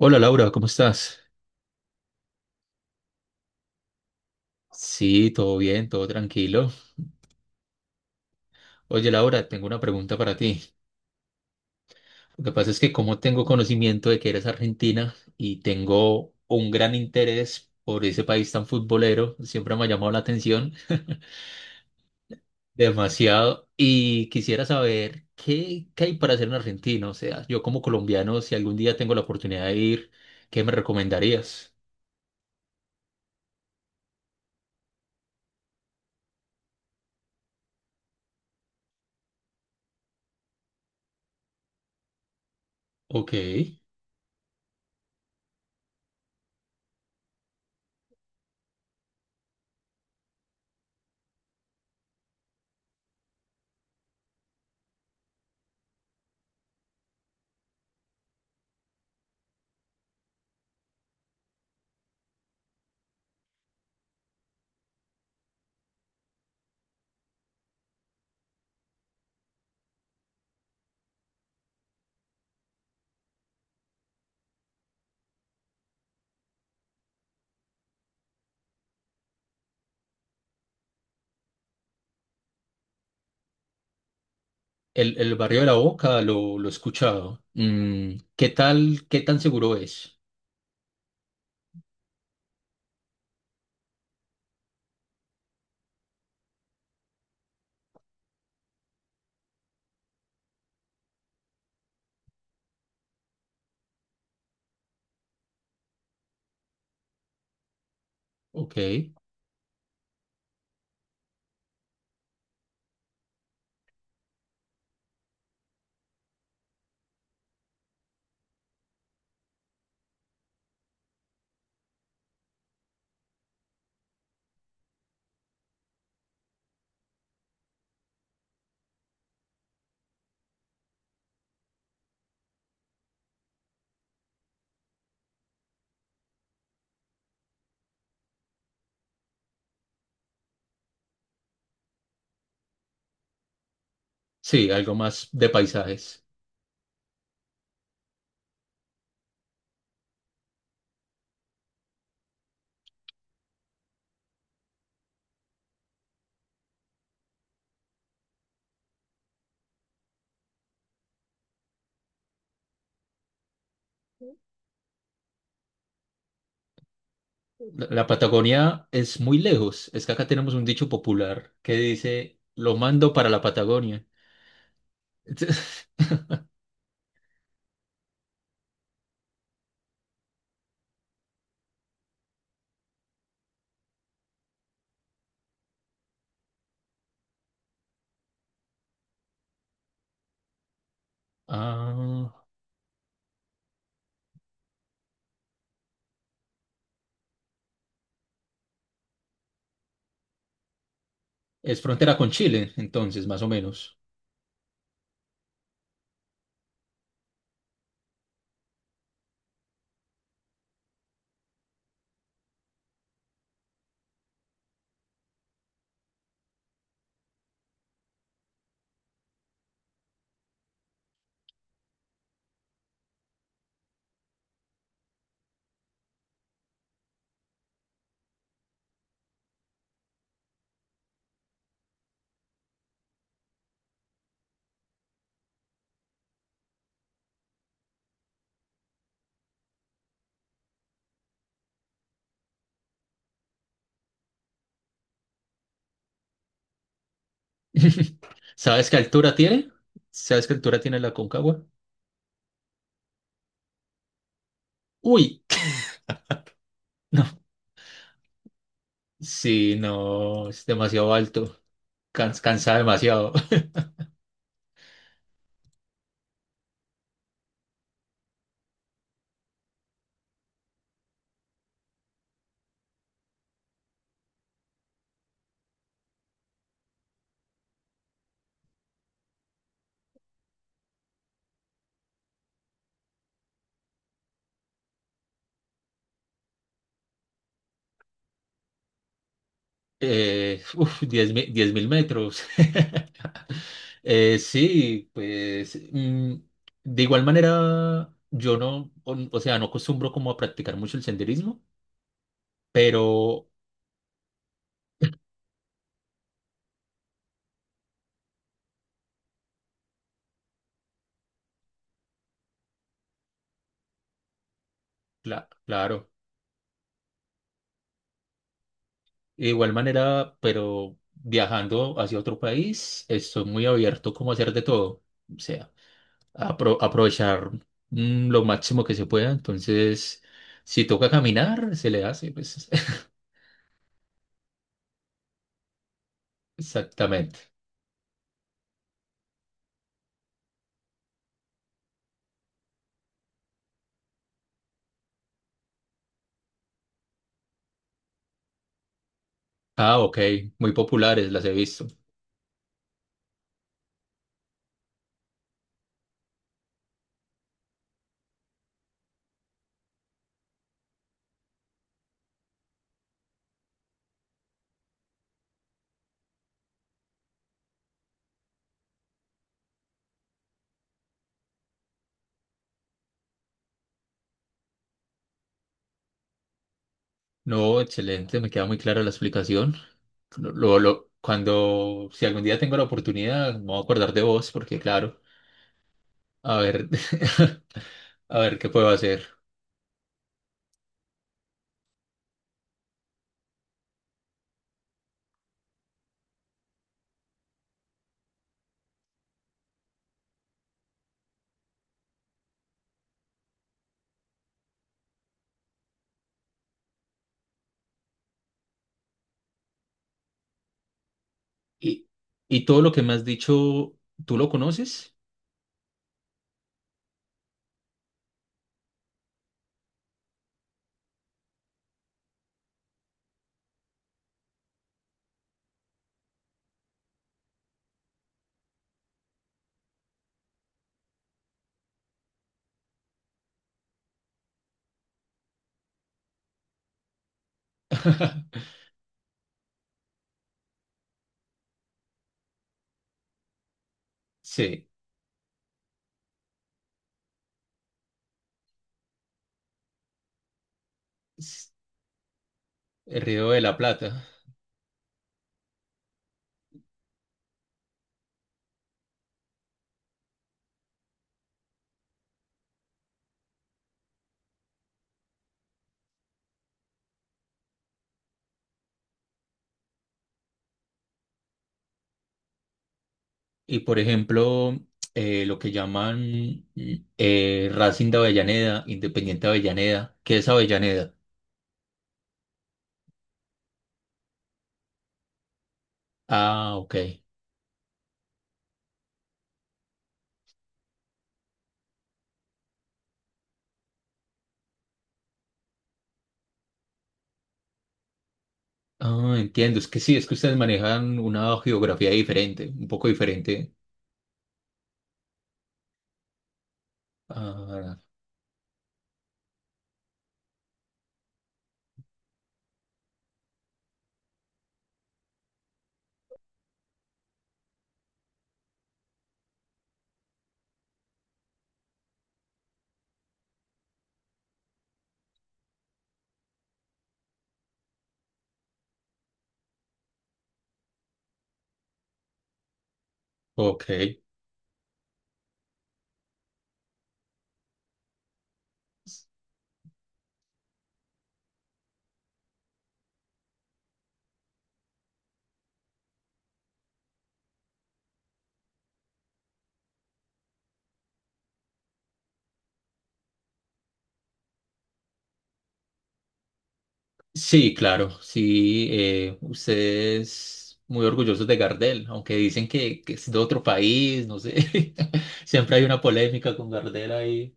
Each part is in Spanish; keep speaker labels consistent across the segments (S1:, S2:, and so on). S1: Hola, Laura, ¿cómo estás? Sí, todo bien, todo tranquilo. Oye, Laura, tengo una pregunta para ti. Lo que pasa es que como tengo conocimiento de que eres argentina y tengo un gran interés por ese país tan futbolero, siempre me ha llamado la atención demasiado y quisiera saber qué hay para hacer en Argentina. O sea, yo como colombiano, si algún día tengo la oportunidad de ir, ¿qué me recomendarías? Ok. El barrio de la Boca lo he escuchado. Mm, ¿qué tal, qué tan seguro es? Ok, sí, algo más de paisajes. La Patagonia es muy lejos. Es que acá tenemos un dicho popular que dice, lo mando para la Patagonia. Ah, es frontera con Chile, entonces, más o menos. ¿Sabes qué altura tiene? ¿Sabes qué altura tiene la Concagua? Uy, no. Sí, no, es demasiado alto. Cansa demasiado. 10 mil metros. Sí, pues de igual manera yo no, o sea, no acostumbro como a practicar mucho el senderismo, pero claro, de igual manera, pero viajando hacia otro país, estoy muy abierto como a hacer de todo, o sea, aprovechar mm, lo máximo que se pueda, entonces si toca caminar, se le hace, pues exactamente. Ah, ok, muy populares, las he visto. No, excelente, me queda muy clara la explicación. Lo, lo- Cuando, si algún día tengo la oportunidad, me voy a acordar de vos, porque claro, a ver, a ver qué puedo hacer. Y, y todo lo que me has dicho, ¿tú lo conoces? Sí, s- el Río de la Plata. Y por ejemplo, lo que llaman Racing de Avellaneda, Independiente de Avellaneda, ¿qué es Avellaneda? Ah, ok. Ah, entiendo. Es que sí, es que ustedes manejan una geografía diferente, un poco diferente. Ah, ok. Sí, claro, sí. Ustedes muy orgullosos de Gardel, aunque dicen que es de otro país, no sé. Siempre hay una polémica con Gardel ahí.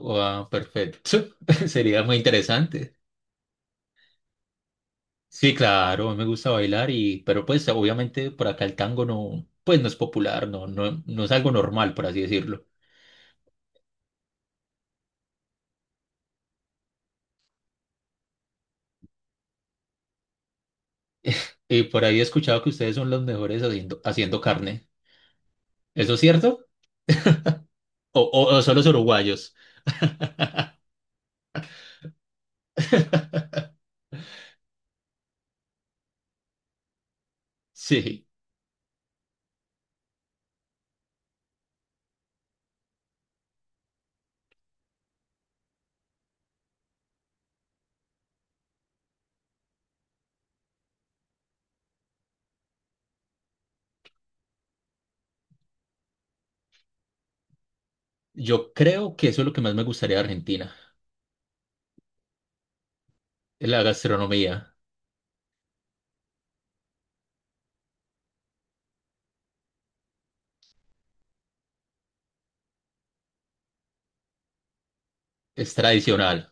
S1: Ah, perfecto. Sería muy interesante. Sí, claro, a mí me gusta bailar y, pero pues obviamente por acá el tango no, pues no es popular, no, no, no es algo normal, por así decirlo. Y por ahí he escuchado que ustedes son los mejores haciendo carne. ¿Eso es cierto? ¿O son los uruguayos? Sí, yo creo que eso es lo que más me gustaría de Argentina. La gastronomía es tradicional.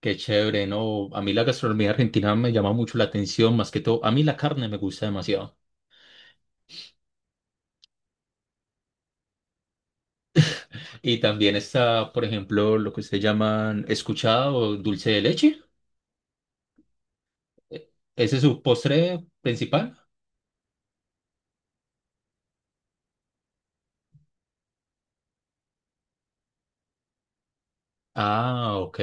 S1: Qué chévere, ¿no? A mí la gastronomía argentina me llama mucho la atención, más que todo. A mí la carne me gusta demasiado. Y también está, por ejemplo, lo que ustedes llaman escuchado o dulce de leche. ¿E- ¿Ese es su postre principal? Ah, ok.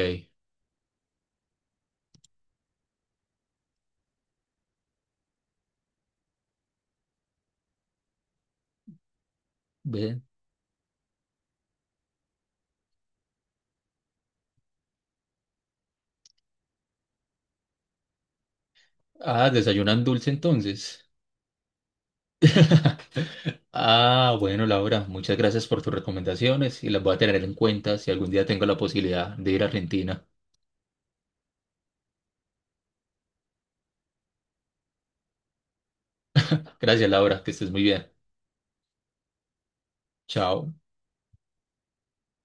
S1: Bien. Ah, desayunan dulce entonces. Ah, bueno, Laura, muchas gracias por tus recomendaciones y las voy a tener en cuenta si algún día tengo la posibilidad de ir a Argentina. Gracias, Laura, que estés muy bien. Chao.